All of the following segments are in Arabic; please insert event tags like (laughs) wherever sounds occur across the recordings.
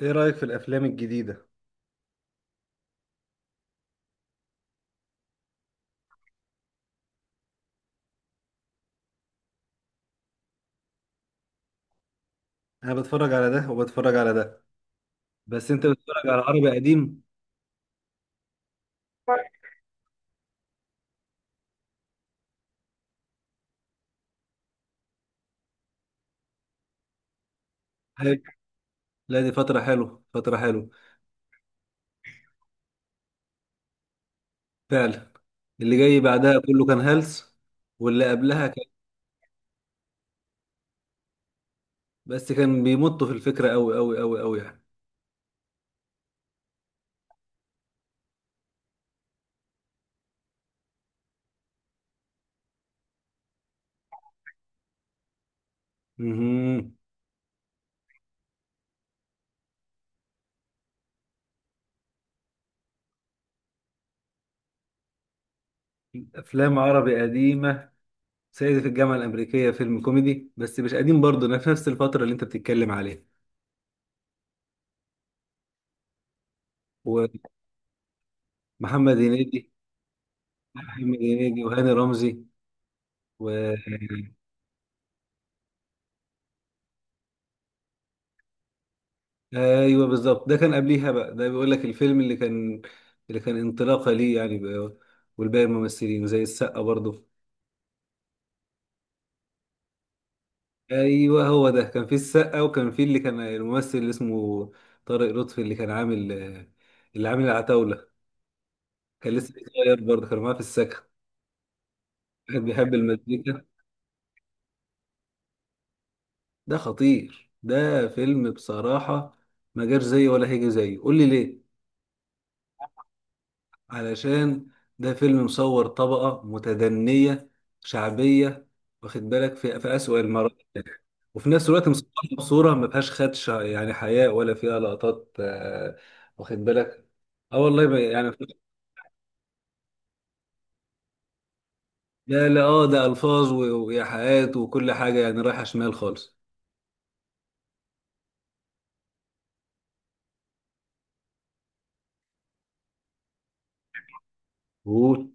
ايه رأيك في الافلام الجديدة؟ انا بتفرج على ده وبتفرج على ده. بس انت بتتفرج على عربي قديم؟ حلو. لا، دي فترة حلوة فترة حلوة. فعلا. اللي جاي بعدها كله كان هلس. واللي قبلها كان. بس كان بيمطوا في الفكرة قوي قوي قوي قوي يعني. امم. افلام عربي قديمة. سيدي في الجامعة الأمريكية، فيلم كوميدي بس مش قديم برضه، أنا في نفس الفترة اللي انت بتتكلم عليها. ومحمد هنيدي. محمد هنيدي وهاني رمزي و ايوه بالظبط، ده كان قبليها بقى، ده بيقول لك الفيلم اللي كان انطلاقه ليه يعني بقى. والباقي الممثلين زي السقا برضه. ايوه هو ده، كان في السقا وكان في اللي كان الممثل اللي اسمه طارق لطفي، اللي عامل العتاوله، كان لسه صغير برضه، كان معاه في السكن. كان بيحب المزيكا. ده خطير، ده فيلم بصراحه. ما جاش زيه ولا هيجي زيه. قول لي ليه؟ علشان ده فيلم مصور طبقة متدنية شعبية، واخد بالك، في أسوأ المراحل، وفي نفس الوقت مصورها بصورة ما فيهاش خدشه يعني، حياء ولا فيها لقطات واخد بالك. اه والله يعني. لا لا، اه ده ألفاظ وإيحاءات وكل حاجة يعني رايحة شمال خالص. قول.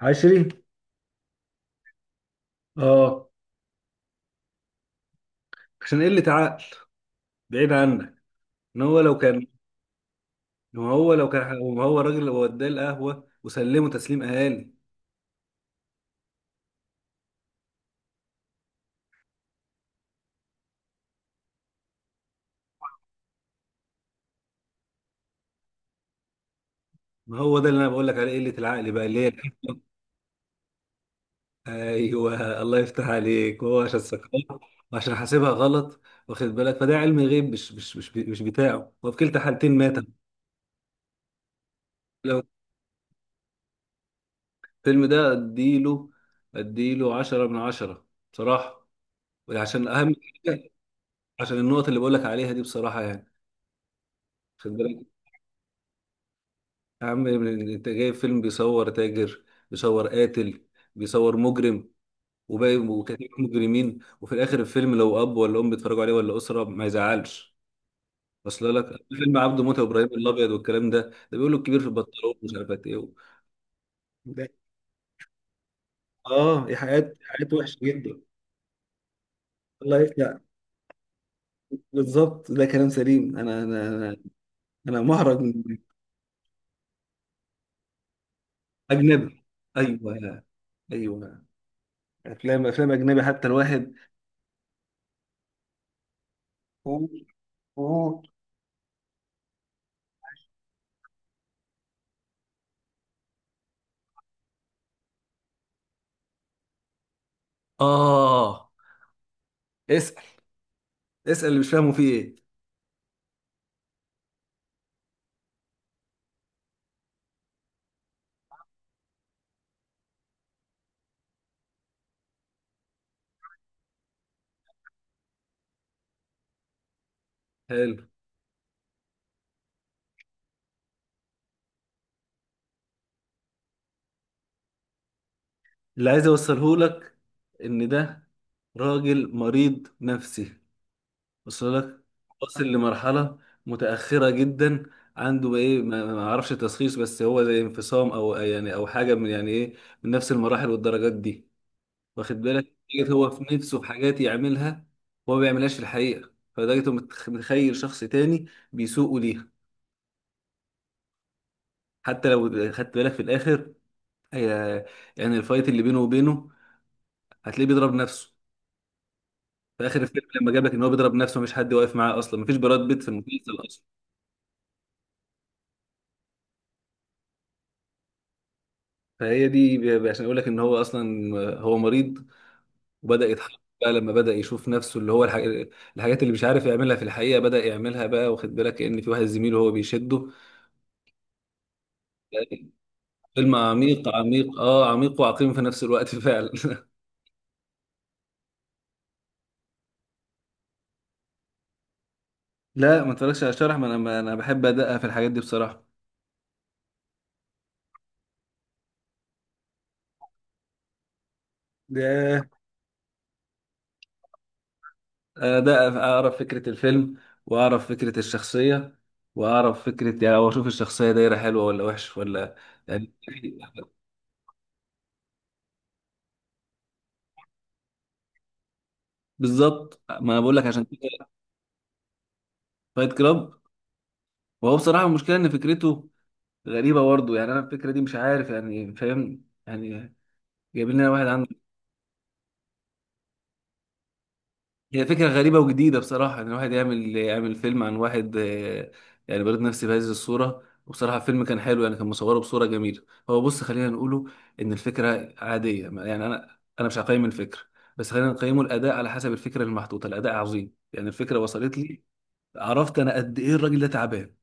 عشري. اه. عشان قلة عقل، بعيد عنك. ان هو لو كان إن هو لو كان هو الراجل اللي وداه القهوة وسلمه تسليم أهالي. ما هو ده اللي انا بقول لك عليه، قله العقل بقى اللي هي الحكمه. ايوه الله يفتح عليك، هو عشان سكران وعشان حاسبها غلط، واخد بالك، فده علم غيب مش بتاعه، وفي كلتا حالتين مات. لو الفيلم ده اديله 10 من 10 بصراحه، عشان اهم حاجه، عشان النقط اللي بقول لك عليها دي بصراحه يعني، واخد بالك، يا عم انت جايب فيلم بيصور تاجر، بيصور قاتل، بيصور مجرم، وباقي وكتير مجرمين، وفي الاخر الفيلم لو اب ولا ام بيتفرجوا عليه ولا اسره ما يزعلش. اصل لك فيلم عبده موتة وابراهيم الابيض والكلام ده بيقولوا الكبير في البطلون ومش عارف ايه ده. اه. دي حاجات حاجات وحشه جدا. الله يفتح. بالظبط، ده كلام سليم. انا محرج من. اجنبي. ايوه ايوه. افلام اجنبي، حتى الواحد. قول. قول. اه. اسال. اسال اللي مش فاهمه فيه ايه. حلو. اللي عايز اوصله لك ان ده راجل مريض نفسي، وصل لك؟ واصل لمرحلة متأخرة جدا، عنده ايه، ما اعرفش تشخيص، بس هو زي انفصام او يعني او حاجة من يعني ايه، من نفس المراحل والدرجات دي. واخد بالك، لدرجة هو في نفسه في حاجات يعملها، هو ما بيعملهاش في الحقيقة، فلدرجة هو متخيل شخص تاني بيسوقه ليها. حتى لو خدت بالك في الاخر، هي- يعني الفايت اللي بينه وبينه، هتلاقيه بيضرب نفسه. في اخر الفيلم لما جاب لك ان هو بيضرب نفسه، مفيش حد واقف معاه اصلا، مفيش براد بيت في المسلسل اصلا. فهي دي عشان اقول لك ان هو اصلا هو مريض، وبدا يتحرك بقى لما بدا يشوف نفسه، اللي هو الحاجات اللي مش عارف يعملها في الحقيقه بدا يعملها بقى، واخد بالك، كأن في واحد زميله هو بيشده يعني. فيلم عميق عميق، عميق وعقيم في نفس الوقت فعلا (laughs) لا ما اتفرجش على الشرح، ما انا بحب ادقق في الحاجات دي بصراحه. ده. ده اعرف فكرة الفيلم، واعرف فكرة الشخصية، واعرف فكرة يعني، او اشوف الشخصية دايرة حلوة ولا وحش ولا. يعني بالظبط، ما انا بقول لك عشان كده. فايت كلاب. وهو بصراحة، المشكلة ان فكرته غريبة برضه يعني، انا الفكرة دي مش عارف يعني، فاهم يعني؟ جايبين لنا واحد عنده. هي فكرة غريبة وجديدة بصراحة، إن واحد يعمل فيلم عن واحد يعني بلد نفسي بهذه الصورة. وبصراحة الفيلم كان حلو يعني، كان مصوره بصورة جميلة. هو بص، خلينا نقوله إن الفكرة عادية، يعني أنا مش هقيم الفكرة، بس خلينا نقيمه الأداء على حسب الفكرة المحطوطة. الأداء عظيم، يعني الفكرة وصلت لي، عرفت أنا قد إيه الراجل ده تعبان.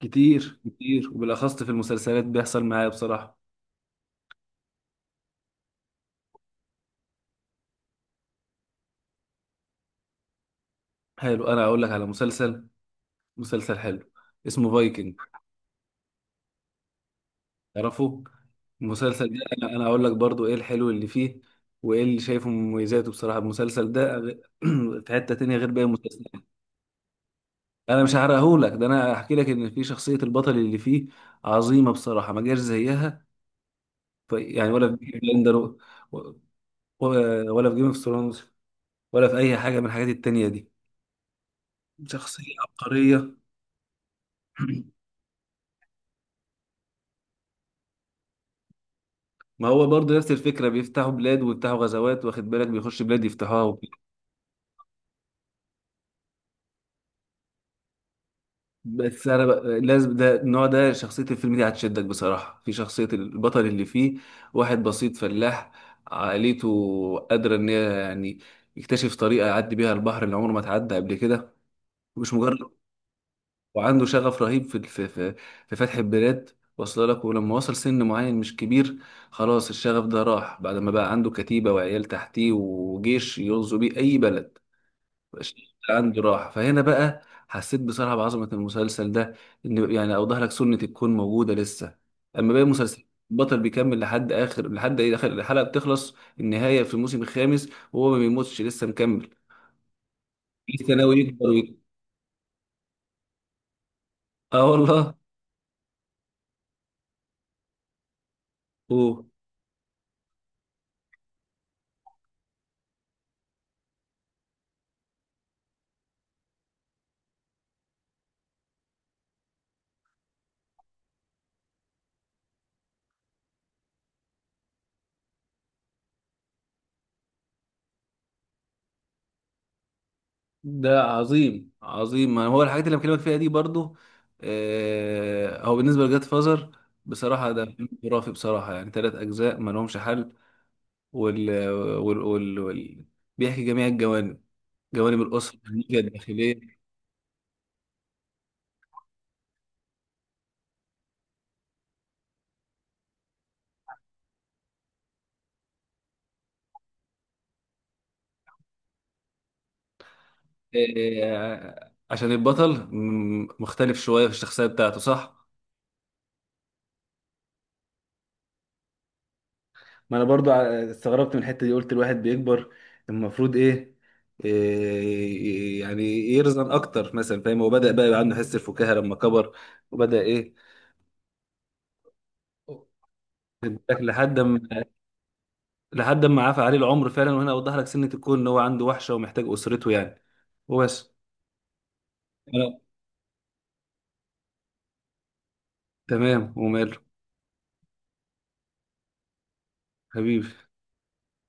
كتير كتير، وبالأخص في المسلسلات بيحصل معايا بصراحة. حلو، أنا أقول لك على مسلسل، مسلسل حلو اسمه فايكنج. تعرفوا المسلسل ده؟ أنا هقول لك برضو ايه الحلو اللي فيه وايه اللي شايفه مميزاته. بصراحه المسلسل ده (clears throat) في حته تانية غير باقي المسلسلات. انا مش هحرقهولك، ده انا هحكي لك ان في شخصيه البطل اللي فيه عظيمه بصراحه، ما جاش زيها يعني، ولا في بيكي بلاندر ولا في جيم اوف ثرونز ولا في اي حاجه من الحاجات التانية دي. شخصيه عبقريه. (clears throat) ما هو برضه نفس الفكره، بيفتحوا بلاد ويفتحوا غزوات، واخد بالك، بيخش بلاد يفتحوها. بس انا بقى لازم ده النوع، ده شخصية الفيلم دي هتشدك بصراحة، في شخصية البطل اللي فيه، واحد بسيط فلاح، عائلته قادرة ان هي يعني يكتشف طريقة يعدي بيها البحر اللي عمره ما اتعدى قبل كده، مش مجرد. وعنده شغف رهيب في في, فتح البلاد، واصل لك. ولما وصل سن معين مش كبير، خلاص الشغف ده راح، بعد ما بقى عنده كتيبة وعيال تحتيه وجيش يغزو بيه اي بلد، عنده راحة. فهنا بقى حسيت بصراحة بعظمة المسلسل ده، إن يعني أوضح لك سنة الكون موجودة لسه. أما باقي المسلسل، البطل بيكمل لحد آخر، لحد إيه، آخر الحلقة بتخلص النهاية في الموسم الخامس، وهو ما بيموتش لسه مكمل، لسه ناوي يكبر ويكبر. آه والله. أوه. ده عظيم عظيم، ما هو الحاجات اللي بكلمك فيها دي برضو. هو بالنسبة لجاد فازر، بصراحة ده فيلم خرافي بصراحة، يعني ثلاث أجزاء ما لهمش حل. وال... وال... وال... وال... بيحكي جميع الجوانب، جوانب الأسرة النية الداخلية. عشان البطل مختلف شوية في الشخصية بتاعته، صح؟ ما انا برضو استغربت من الحته دي، قلت الواحد بيكبر المفروض ايه، إيه يعني، يرزن اكتر مثلا، فاهم؟ هو بدأ بقى يبقى عنده حس الفكاهه لما كبر، وبدأ ايه، واخد بالك لحد ما عفى عليه العمر فعلا. وهنا اوضح لك سنه الكون ان هو عنده وحشه ومحتاج اسرته يعني، وبس. تمام وماله. حبيبي.